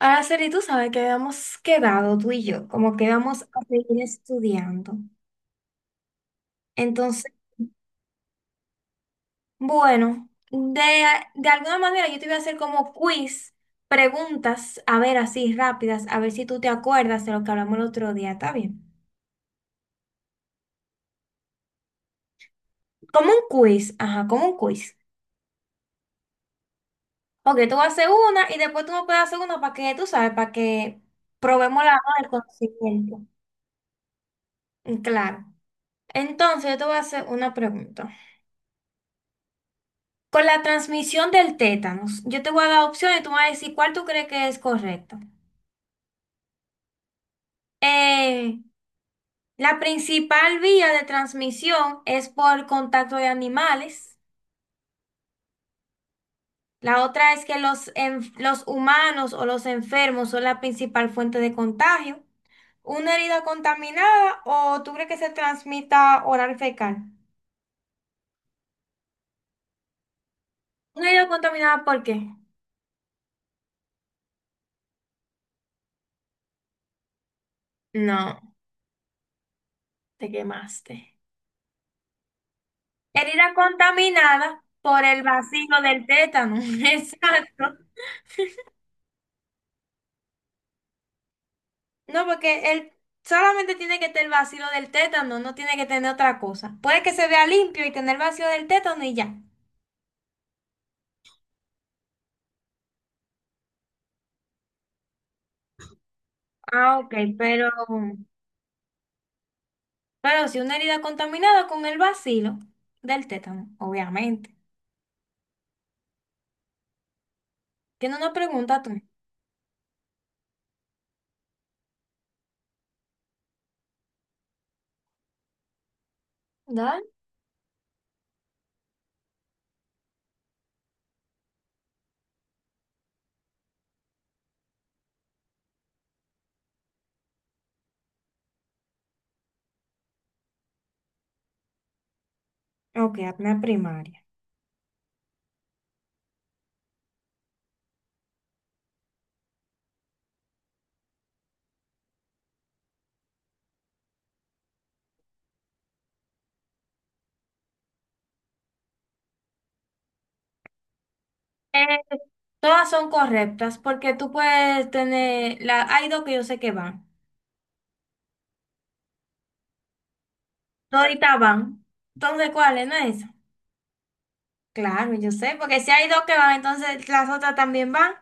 Araceli, tú sabes que habíamos quedado tú y yo, como que íbamos a seguir estudiando. Entonces, bueno, de alguna manera yo te voy a hacer como quiz, preguntas, a ver, así rápidas, a ver si tú te acuerdas de lo que hablamos el otro día, ¿está bien? Como un quiz, ajá, como un quiz. Ok, tú vas a hacer una y después tú me puedes hacer una para que, tú sabes, para que probemos el conocimiento. Claro. Entonces, yo te voy a hacer una pregunta. Con la transmisión del tétanos, yo te voy a dar opciones, tú me vas a decir cuál tú crees que es correcto. Eh, la principal vía de transmisión es por contacto de animales. La otra es que los humanos o los enfermos son la principal fuente de contagio. Una herida contaminada o tú crees que se transmita oral fecal. Una herida contaminada, ¿por qué? No, te quemaste. Herida contaminada por el vacío del tétano. Exacto. No, porque él solamente tiene que tener vacío del tétano, no tiene que tener otra cosa. Puede que se vea limpio y tener vacío del tétano y ya. Ah, ok, pero si una herida contaminada con el bacilo del tétano, obviamente. Tiene una pregunta tú. Da. Ok, apnea primaria. Eh, Todas son correctas porque tú puedes tener, la, hay dos que yo sé que van. Toditas van. Entonces, ¿cuál es? ¿No es esa? Claro, yo sé, porque si hay dos que van, entonces las otras también van.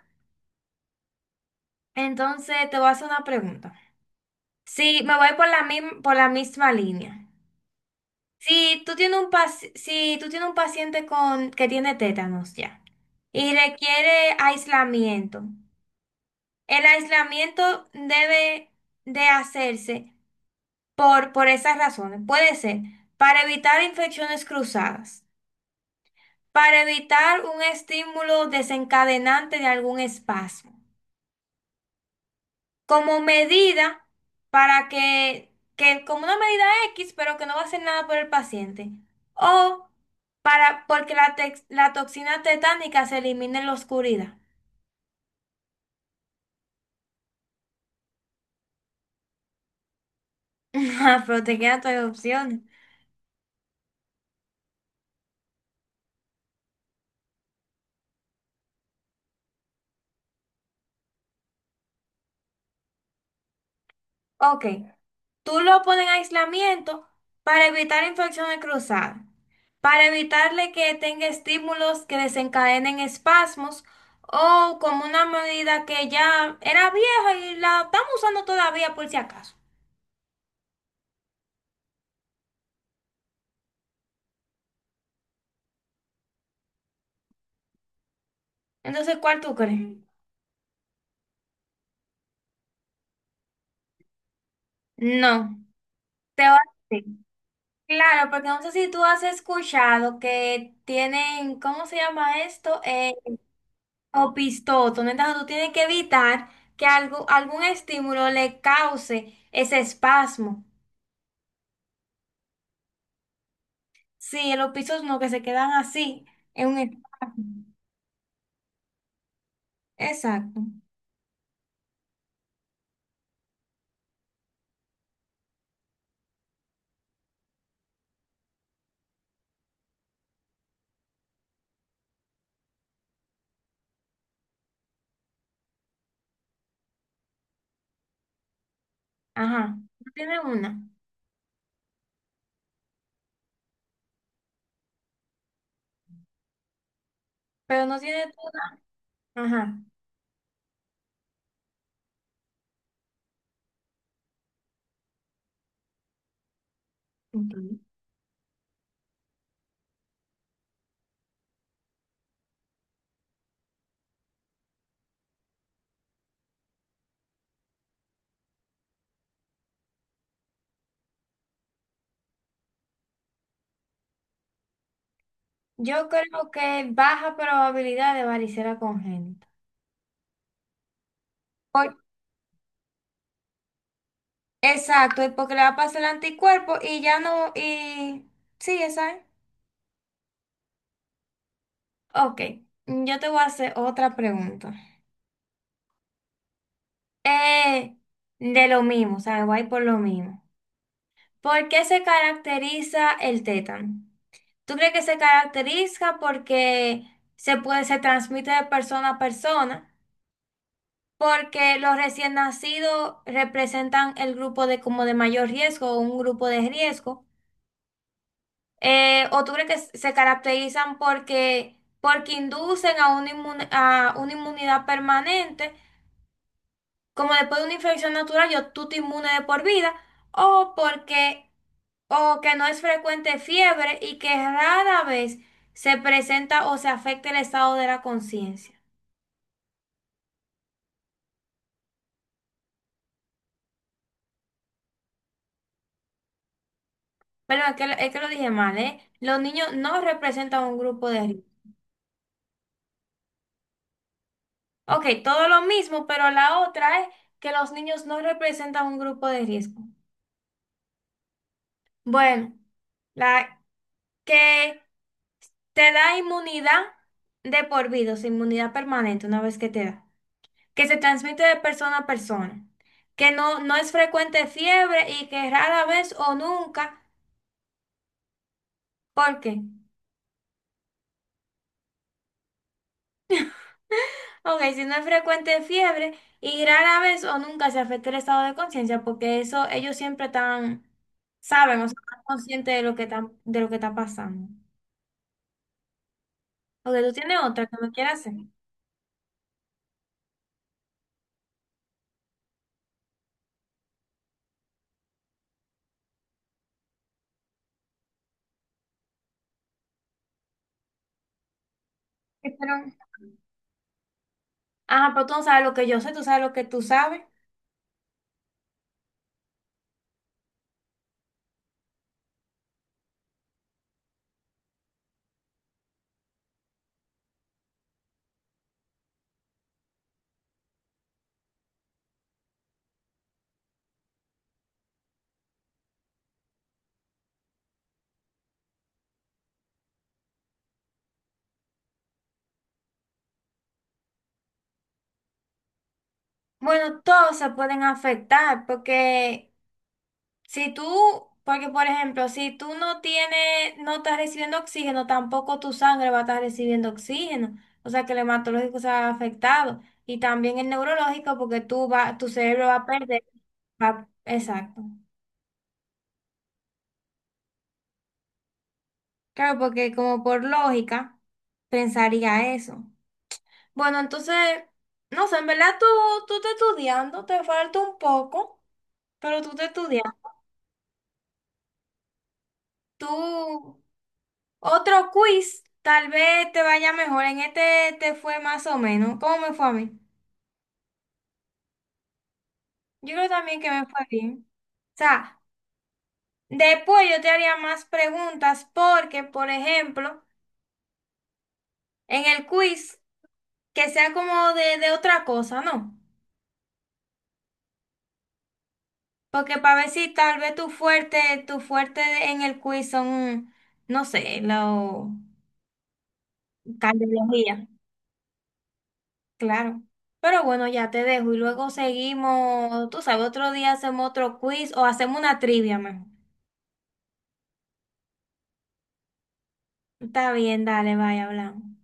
Entonces, te voy a hacer una pregunta. Si me voy por por la misma línea. Si tú tienes si tú tienes un paciente con que tiene tétanos ya y requiere aislamiento, el aislamiento debe de hacerse por esas razones. Puede ser para evitar infecciones cruzadas, para evitar un estímulo desencadenante de algún espasmo. Como medida para que como una medida X, pero que no va a hacer nada por el paciente. O para, porque la toxina tetánica se elimina en la oscuridad. Ajá, pero te quedan todas las opciones. Ok, tú lo pones en aislamiento para evitar infecciones cruzadas, para evitarle que tenga estímulos que desencadenen espasmos o como una medida que ya era vieja y la estamos usando todavía por si acaso. Entonces, ¿cuál tú crees? No, te va a decir. Claro, porque no sé si tú has escuchado que tienen, ¿cómo se llama esto? Opistoto, ¿no? Entonces, tú tienes que evitar que algo, algún estímulo le cause ese espasmo. Sí, los opistos no, que se quedan así, en un espasmo. Exacto. Ajá. No tiene una, pero no tiene toda. Ajá. Ok. Yo creo que baja probabilidad de varicela congénita. Exacto, y porque le va a pasar el anticuerpo y ya no, y sí, esa es. Ok, yo te voy a hacer otra pregunta. Eh, de lo mismo, o sea, voy a ir por lo mismo. ¿Por qué se caracteriza el tétano? ¿Tú crees que se caracteriza porque se puede, se transmite de persona a persona? Porque los recién nacidos representan el grupo de como de mayor riesgo o un grupo de riesgo. ¿O tú crees que se caracterizan porque inducen a a una inmunidad permanente, como después de una infección natural, yo tú te inmune de por vida, o porque, o que no es frecuente fiebre y que rara vez se presenta o se afecta el estado de la conciencia? Perdón, es que, es que lo dije mal, ¿eh? Los niños no representan un grupo de riesgo. Ok, todo lo mismo, pero la otra es que los niños no representan un grupo de riesgo. Bueno, la que te da inmunidad de por vida, o sea, inmunidad permanente una vez que te da, que se transmite de persona a persona, que no, no es frecuente fiebre y que rara vez o nunca, ¿por qué? Ok, si no es frecuente fiebre y rara vez o nunca se afecta el estado de conciencia, porque eso ellos siempre están, saben, o sea, están conscientes de lo que están, de lo que está pasando. Ok, tú tienes otra que me quieras hacer. Espero. Ah, pero tú no sabes lo que yo sé, tú sabes lo que tú sabes. Bueno, todos se pueden afectar porque si tú, porque por ejemplo, si tú no tienes, no estás recibiendo oxígeno, tampoco tu sangre va a estar recibiendo oxígeno. O sea que el hematológico se va afectado y también el neurológico porque tú va, tu cerebro va a perder. Exacto. Claro, porque como por lógica pensaría eso. Bueno, entonces, no sé, en verdad tú, tú estás estudiando, te falta un poco. Pero tú te estudias. Tú, otro quiz, tal vez te vaya mejor. En este te fue más o menos. ¿Cómo me fue a mí? Yo creo también que me fue bien. O sea, después yo te haría más preguntas porque, por ejemplo, en el quiz, que sea como de otra cosa, ¿no? Porque para ver si tal vez tu fuerte en el quiz son, no sé, la cardiología. Claro. Pero bueno, ya te dejo y luego seguimos, tú sabes, otro día hacemos otro quiz o hacemos una trivia mejor. Está bien, dale, vaya, hablamos.